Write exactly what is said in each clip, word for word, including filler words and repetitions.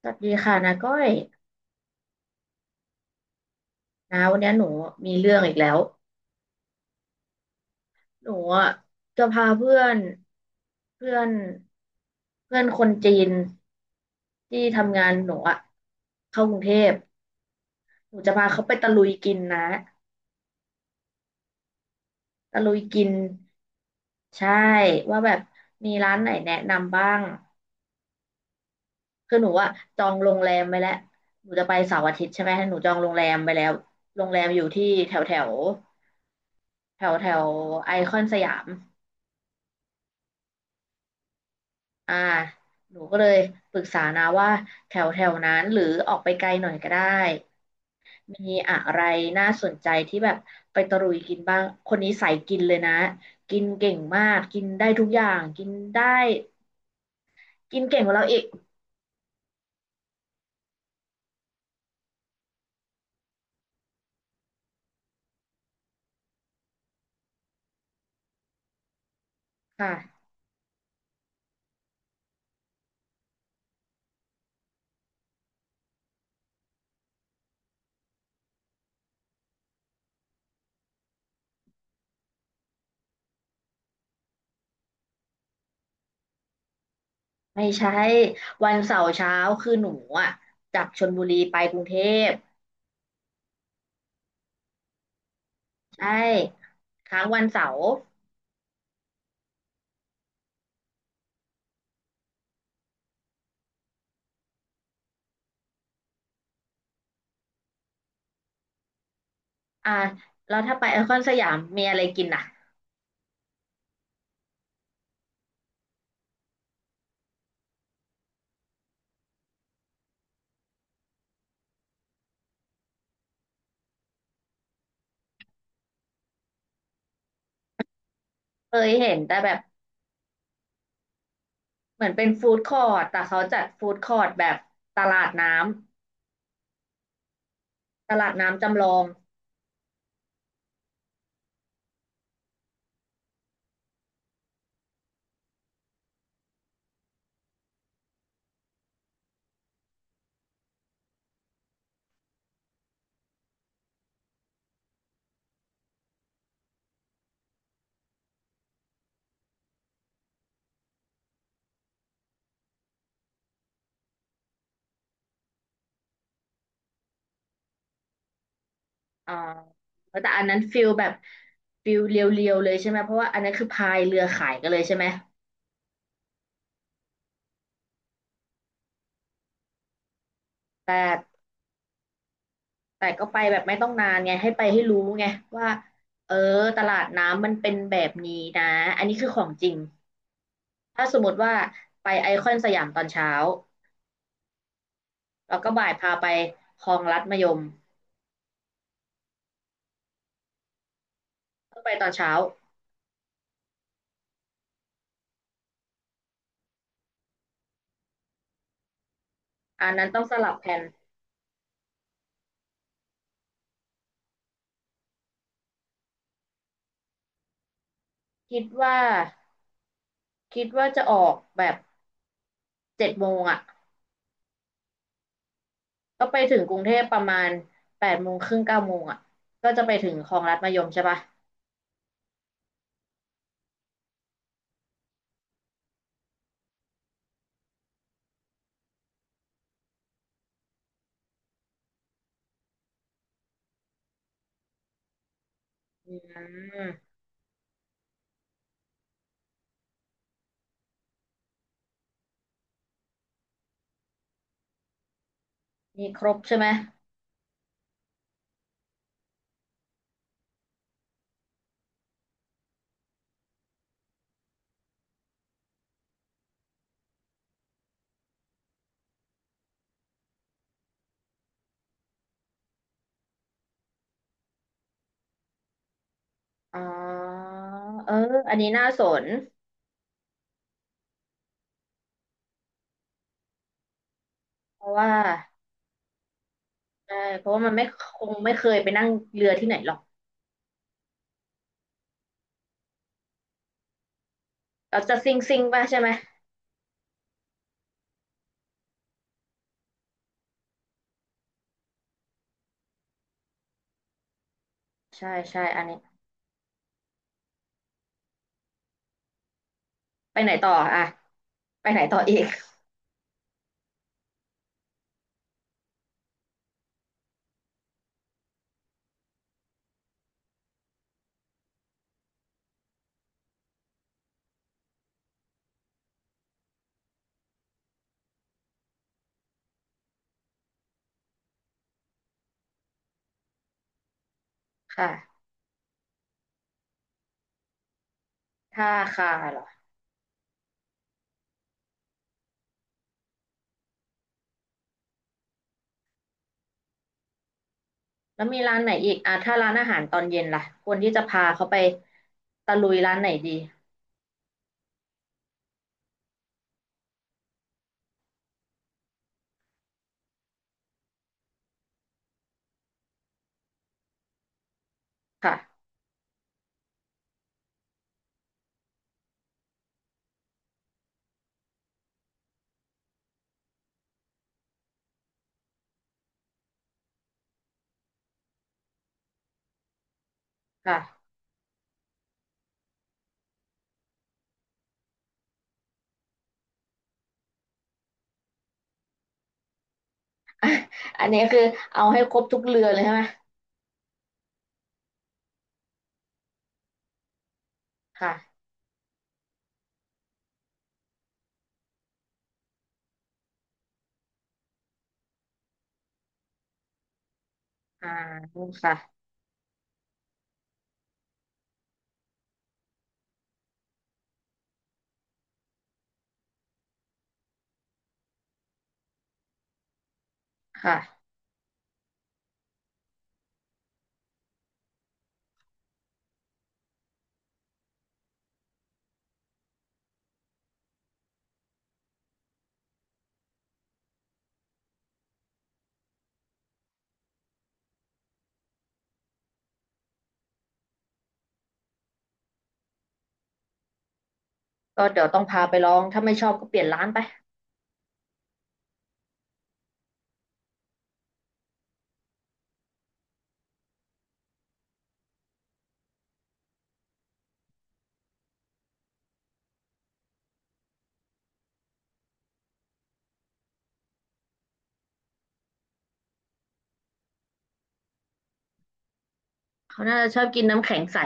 สวัสดีค่ะนาก้อยนาวันนี้หนูมีเรื่องอีกแล้ว หนูอะจะพาเพื่อนเพื่อน เพื่อนคนจีนที่ทำงานหนูอะเข้ากรุงเทพ หนูจะพาเขาไปตะลุยกินนะ ตะลุยกิน ใช่ ว่าแบบมีร้านไหนแนะนำบ้างคือหนูอะจองโรงแรมไปแล้วหนูจะไปเสาร์อาทิตย์ใช่ไหมหนูจองโรงแรมไปแล้ว โรงแรมอยู่ที่แถวแถวแถวแถวไอคอนสยาม อ่าหนูก็เลยปรึกษานะว่าแถวแถวนั้นหรือออกไปไกลหน่อยก็ได้มีอะไรน่าสนใจที่แบบไปตะลุยกินบ้างคนนี้สายกินเลยนะกินเก่งมากกินได้ทุกอย่างกินได้กินเก่งกว่าเราอีกค่ะไม่ใช่วันเสาร์เช้าคือหนูอ่ะจากชลบุรีไปกรุงเทพใช่ค้างวันเสาร์อ่าแล้วถ้าไปไอคอนสยามมีอะไรกินอ่ะเคยเห็นแต่แบบ เหมือนเป็นฟู้ดคอร์ทแต่เขาจัดฟู้ดคอร์ทแบบตลาดน้ำตลาดน้ำจำลองอ่าแต่อันนั้นฟิลแบบฟิลเรียวๆเลยใช่ไหมเพราะว่าอันนั้นคือพายเรือขายกันเลยใช่ไหมแต่แต่ก็ไปแบบไม่ต้องนานไงให้ไปให้รู้ไงว่าเออตลาดน้ำมันเป็นแบบนี้นะอันนี้คือของจริงถ้าสมมติว่าไปไอคอนสยามตอนเช้าแล้วก็บ่ายพาไปคลองลัดมะยมต้องไปตอนเช้าอันนั้นต้องสลับแผนคิดว่า คิดว่าจะออกแบบเจ็ดโมงอ่ะก็ไปถึงกรุงเทพประมาณแปดโมงครึ่งเก้าโมงอ่ะก็จะไปถึงคลองลัดมะยมใช่ปะอืมมีครบใช่ไหมอ๋อเอออันนี้น่าสนเพราะว่าใช่เพราะว่ามันไม่คงไม่เคยไปนั่งเรือที่ไหนหรอกเราจะซิ่งซิ่งป่ะใช่ไหมใช่ใช่อันนี้ไปไหนต่ออ่ะไปไหนต่ออีกค่ะท่าคาเหรอแล้วมีร้านไหนอีกอ่ะถ้าร้านอาหารตอนเย็นล่ะควรที่จะพาเขาไปตะลุยร้านไหนดี ค่ะค่ะ อ่ะอันนี้คือเอาให้ครบทุกเรือเลยใช่ไหมค่ะอ่าค่ะค่ะก็เดี๋ยวต้องพาไปลองถ้าไม่ชอบก็เปลี่ยนร้านไปเขาน่าจะชอบกินน้ำแข็งใส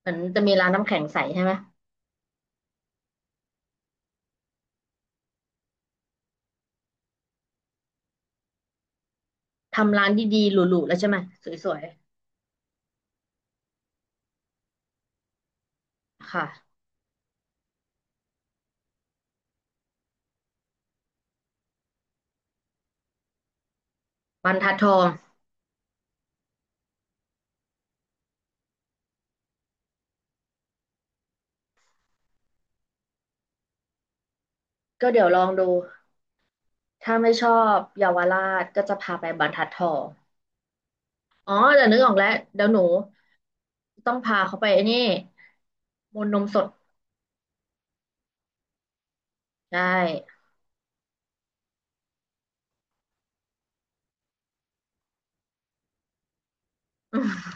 เหมือนจะมีร้านน้ำแข็งใสใช่ไหมทำร้านดีๆหรูๆแล้วใช่ไหมสวยๆค่ะบรรทัดทองก็เดี๋ยวลองดูถ้าไม่ชอบเยาวราชก็จะพาไปบรรทัดทองอ๋อแต่นึกออกแล้วเดี๋ยวหนูต้องพาเขาไปไอ้นี่มูลนมสดได้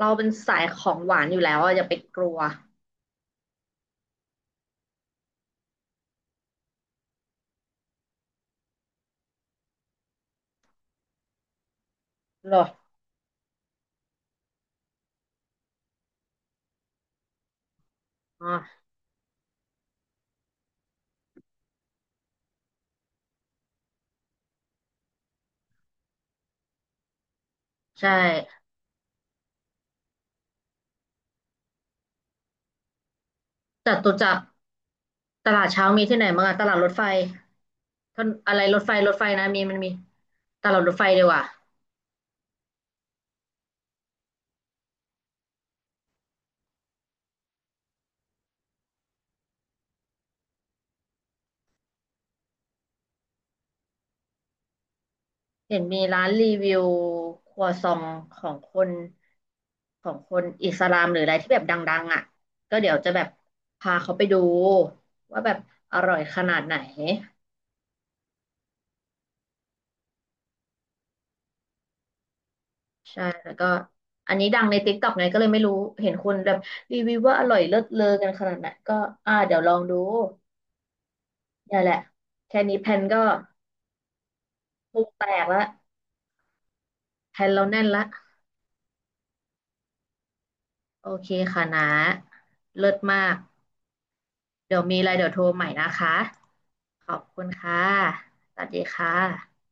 เราเป็นสายของหวานอยู่แล้วอะอย่าไปกลัวเหรออ๋อใช่จตุจักรตลาดเช้ามีที่ไหนบ้างอะตลาดรถไฟท่านอะไรรถไฟรถไฟนะมีมันมีตลาดรถไฟดีกว่าเห็นมีร้านรีวิวครัวซองของคนของคนอิสลามหรืออะไรที่แบบดังๆอ่ะก็เดี๋ยวจะแบบพาเขาไปดูว่าแบบอร่อยขนาดไหน ใช่แล้วก็อันนี้ดังใน ติ๊กต็อก ไงก็เลยไม่รู้ เห็นคนแบบรีวิวว่าอร่อยเลิศเลอกันขนาดไหนก็อ่าเดี๋ยวลองดูเนี่ยแหละ แค่นี้แพนก็พุงแตกละแพนเราแน่นละโอเคค่ะนะเลิศมาก เดี๋ยวมีอะไรเดี๋ยวโทรใหม่นะคะ ขอบคุณค่ะสวัสดีค่ะ